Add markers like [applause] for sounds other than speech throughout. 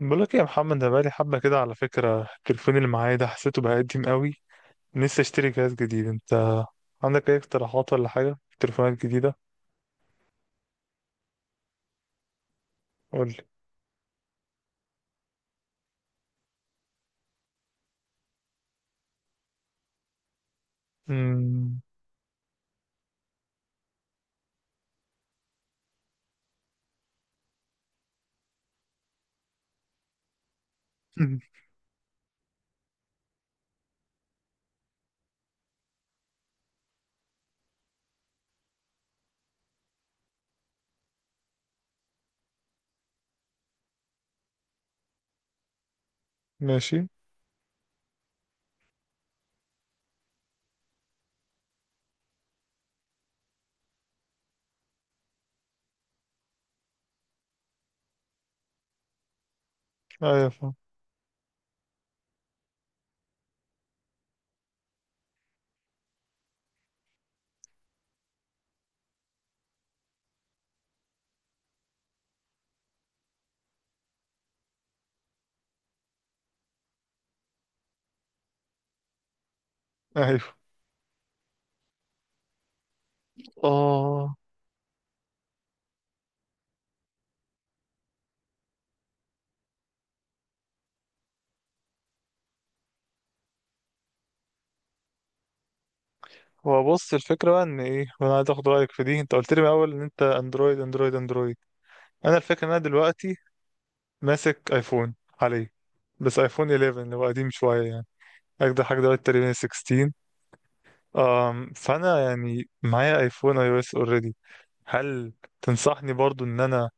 بقولك إيه يا محمد، انا بقالي حبه كده على فكره. التليفون اللي معايا ده حسيته بقى قديم قوي. نفسي اشتري جهاز جديد. انت عندك اي اقتراحات ولا حاجه في تليفونات جديده؟ قولي. امم. [laughs] ماشي. ايوه فاهم. ايوه اه. هو بص، الفكره بقى ان ايه، وانا عايز اخد رايك في دي. انت قلت لي من الاول ان انت اندرويد اندرويد اندرويد. انا الفكره ان انا دلوقتي ماسك ايفون عليه، بس ايفون 11 اللي هو قديم شويه يعني. اجدع حاجه دلوقتي تقريبا 16. فانا يعني معايا ايفون اي او اس اوريدي. هل تنصحني برضو ان انا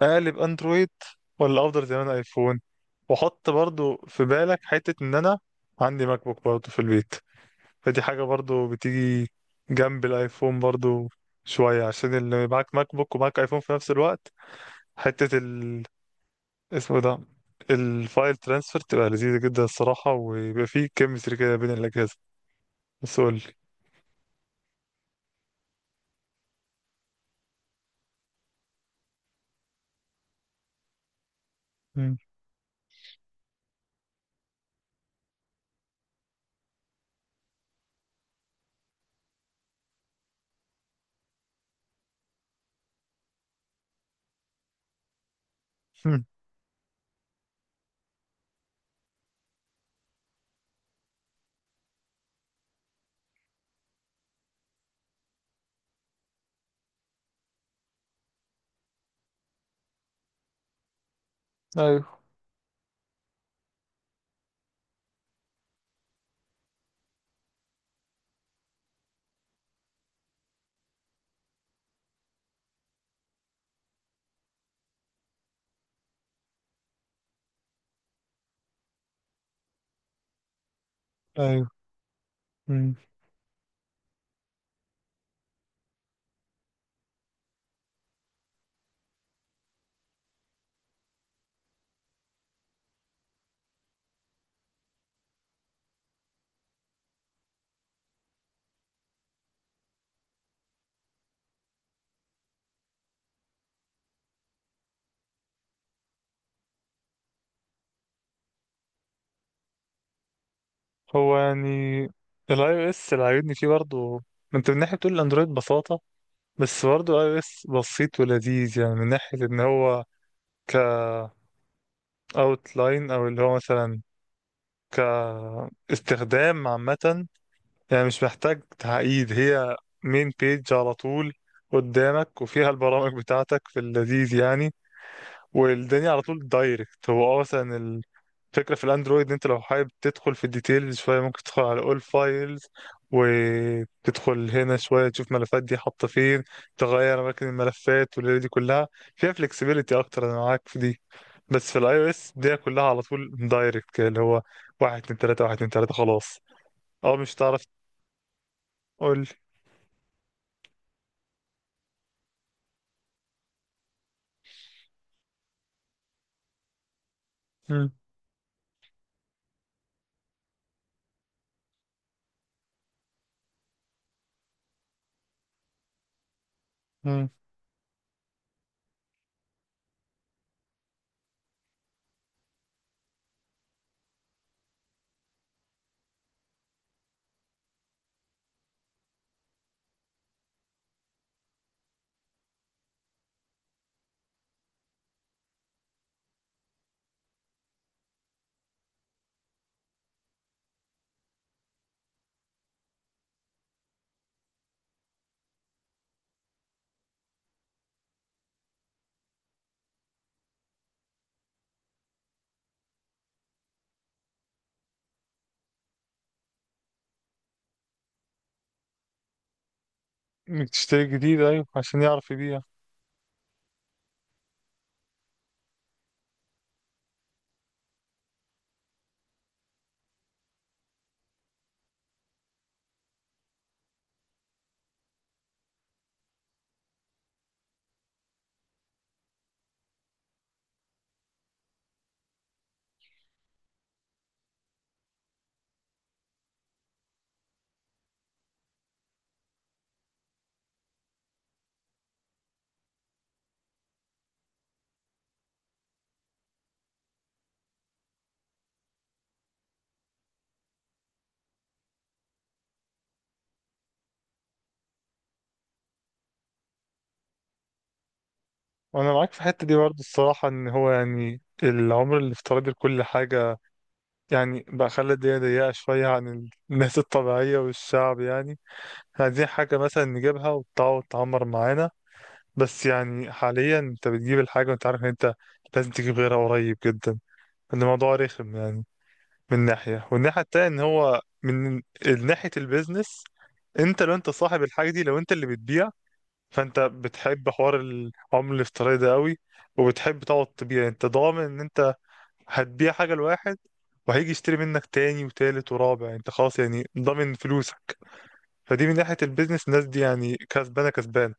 اقلب اندرويد، ولا افضل زي ما انا ايفون؟ واحط برضو في بالك حتة ان انا عندي ماك بوك برضو في البيت. فدي حاجة برضو بتيجي جنب الايفون برضو شوية، عشان اللي معاك ماك بوك ومعاك ايفون في نفس الوقت، حتة اسمه ده الفايل ترانسفير تبقى لذيذة جدا الصراحة، ويبقى فيه كيمستري كده بين الأجهزة. بس قولي. مم. مم. ايوه. ايوه. هو يعني الاي او اس اللي عاجبني فيه برضه، ما انت من ناحيه بتقول الاندرويد ببساطه، بس برضه الاي او اس بسيط ولذيذ، يعني من ناحيه ان هو ك لاين، او اللي هو مثلا كاستخدام عامه. يعني مش محتاج تعقيد، هي مين بيج على طول قدامك وفيها البرامج بتاعتك في اللذيذ يعني، والدنيا على طول دايركت. هو اه مثلا، فكرة في الاندرويد ان انت لو حابب تدخل في الديتيلز شوية، ممكن تدخل على اول فايلز، وتدخل هنا شوية تشوف ملفات دي حاطة فين، تغير اماكن الملفات والليلة دي كلها، فيها فلكسبيليتي اكتر، انا معاك في دي. بس في الاي او اس دي كلها على طول دايركت كده، اللي هو واحد اتنين تلاتة واحد اتنين تلاتة خلاص. اه مش هتعرف تقول. مم. مم. إنك تشتري جديد، ايوه، عشان يعرف يبيع. وانا معاك في الحتة دي برضه الصراحة، ان هو يعني العمر الافتراضي لكل حاجة يعني بقى خلى الدنيا ضيقة شوية عن الناس الطبيعية والشعب يعني. احنا عايزين حاجة مثلا نجيبها وتقعد تعمر معانا، بس يعني حاليا انت بتجيب الحاجة وانت عارف ان انت لازم تجيب غيرها قريب جدا. الموضوع رخم يعني من ناحية، والناحية التانية ان هو من ناحية البيزنس. انت لو انت صاحب الحاجة دي، لو انت اللي بتبيع، فانت بتحب حوار العملة الافتراضي ده قوي، وبتحب تقعد تبيع. انت ضامن ان انت هتبيع حاجة لواحد، وهيجي يشتري منك تاني وتالت ورابع، انت خلاص يعني ضامن فلوسك. فدي من ناحية البيزنس الناس دي يعني كسبانة كسبانة.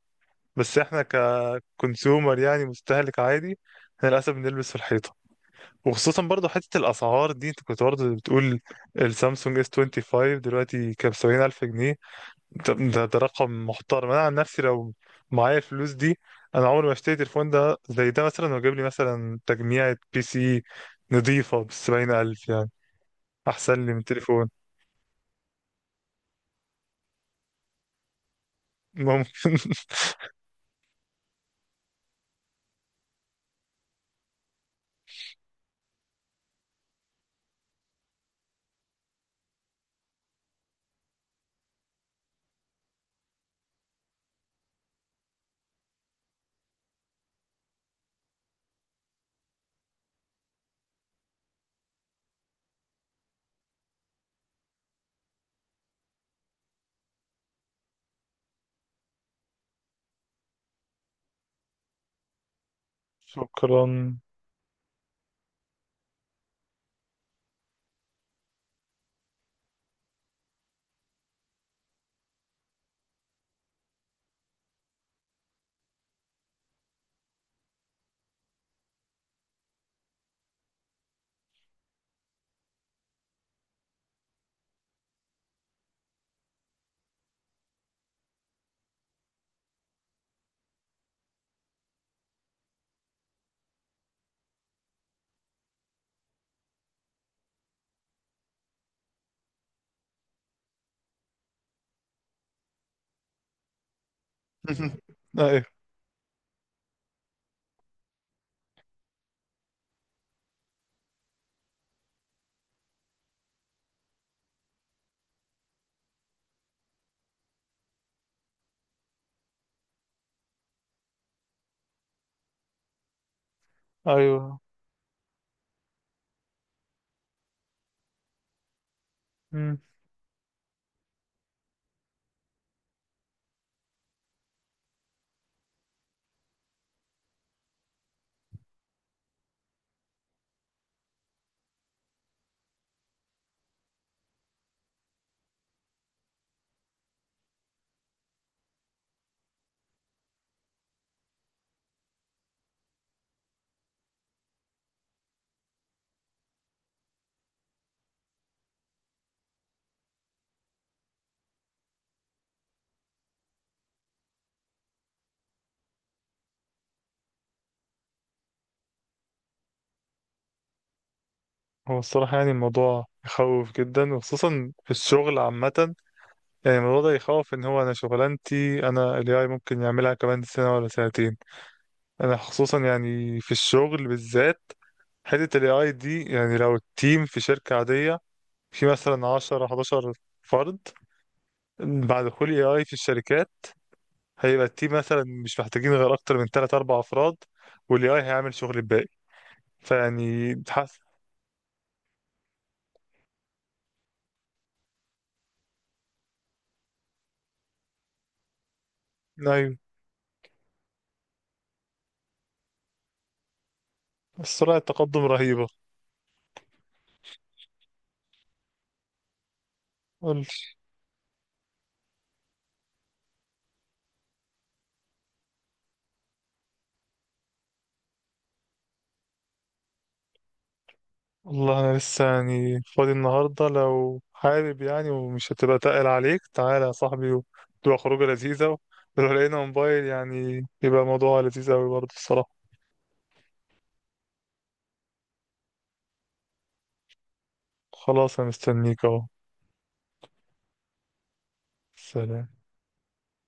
بس احنا ككونسيومر يعني مستهلك عادي، احنا للأسف بنلبس في الحيطة. وخصوصا برضه حتة الأسعار دي، انت كنت برضه بتقول السامسونج اس 25 دلوقتي كام، 70,000 جنيه. طب ده رقم محترم. أنا عن نفسي لو معايا الفلوس دي، أنا عمري ما اشتري تليفون ده زي ده مثلا، وأجيب لي مثلا تجميعة بي سي نضيفة بالـ70,000 يعني. احسن لي من التليفون. ممكن. [laughs] شكرا. [laughs] ايوه. ايوه. مم. هو الصراحة يعني الموضوع يخوف جدا، وخصوصا في الشغل عامة. يعني الموضوع ده يخوف ان هو انا شغلانتي انا ال AI ممكن يعملها كمان سنة ولا سنتين. انا خصوصا يعني في الشغل بالذات حتة ال AI دي، يعني لو التيم في شركة عادية في مثلا 10 11 فرد، بعد دخول AI في الشركات هيبقى التيم مثلا مش محتاجين غير اكتر من 3 4 افراد، والاي اي هيعمل شغل الباقي. فيعني تحس. ايوه. سرعة التقدم رهيبة. قول. والله انا لسه يعني فاضي النهارده، لو حابب يعني ومش هتبقى تقل عليك تعالى يا صاحبي وتبقى خروجه لذيذة. ولو لقينا موبايل يعني يبقى موضوع لذيذ قوي برضه الصراحة. خلاص انا مستنيك اهو. سلام.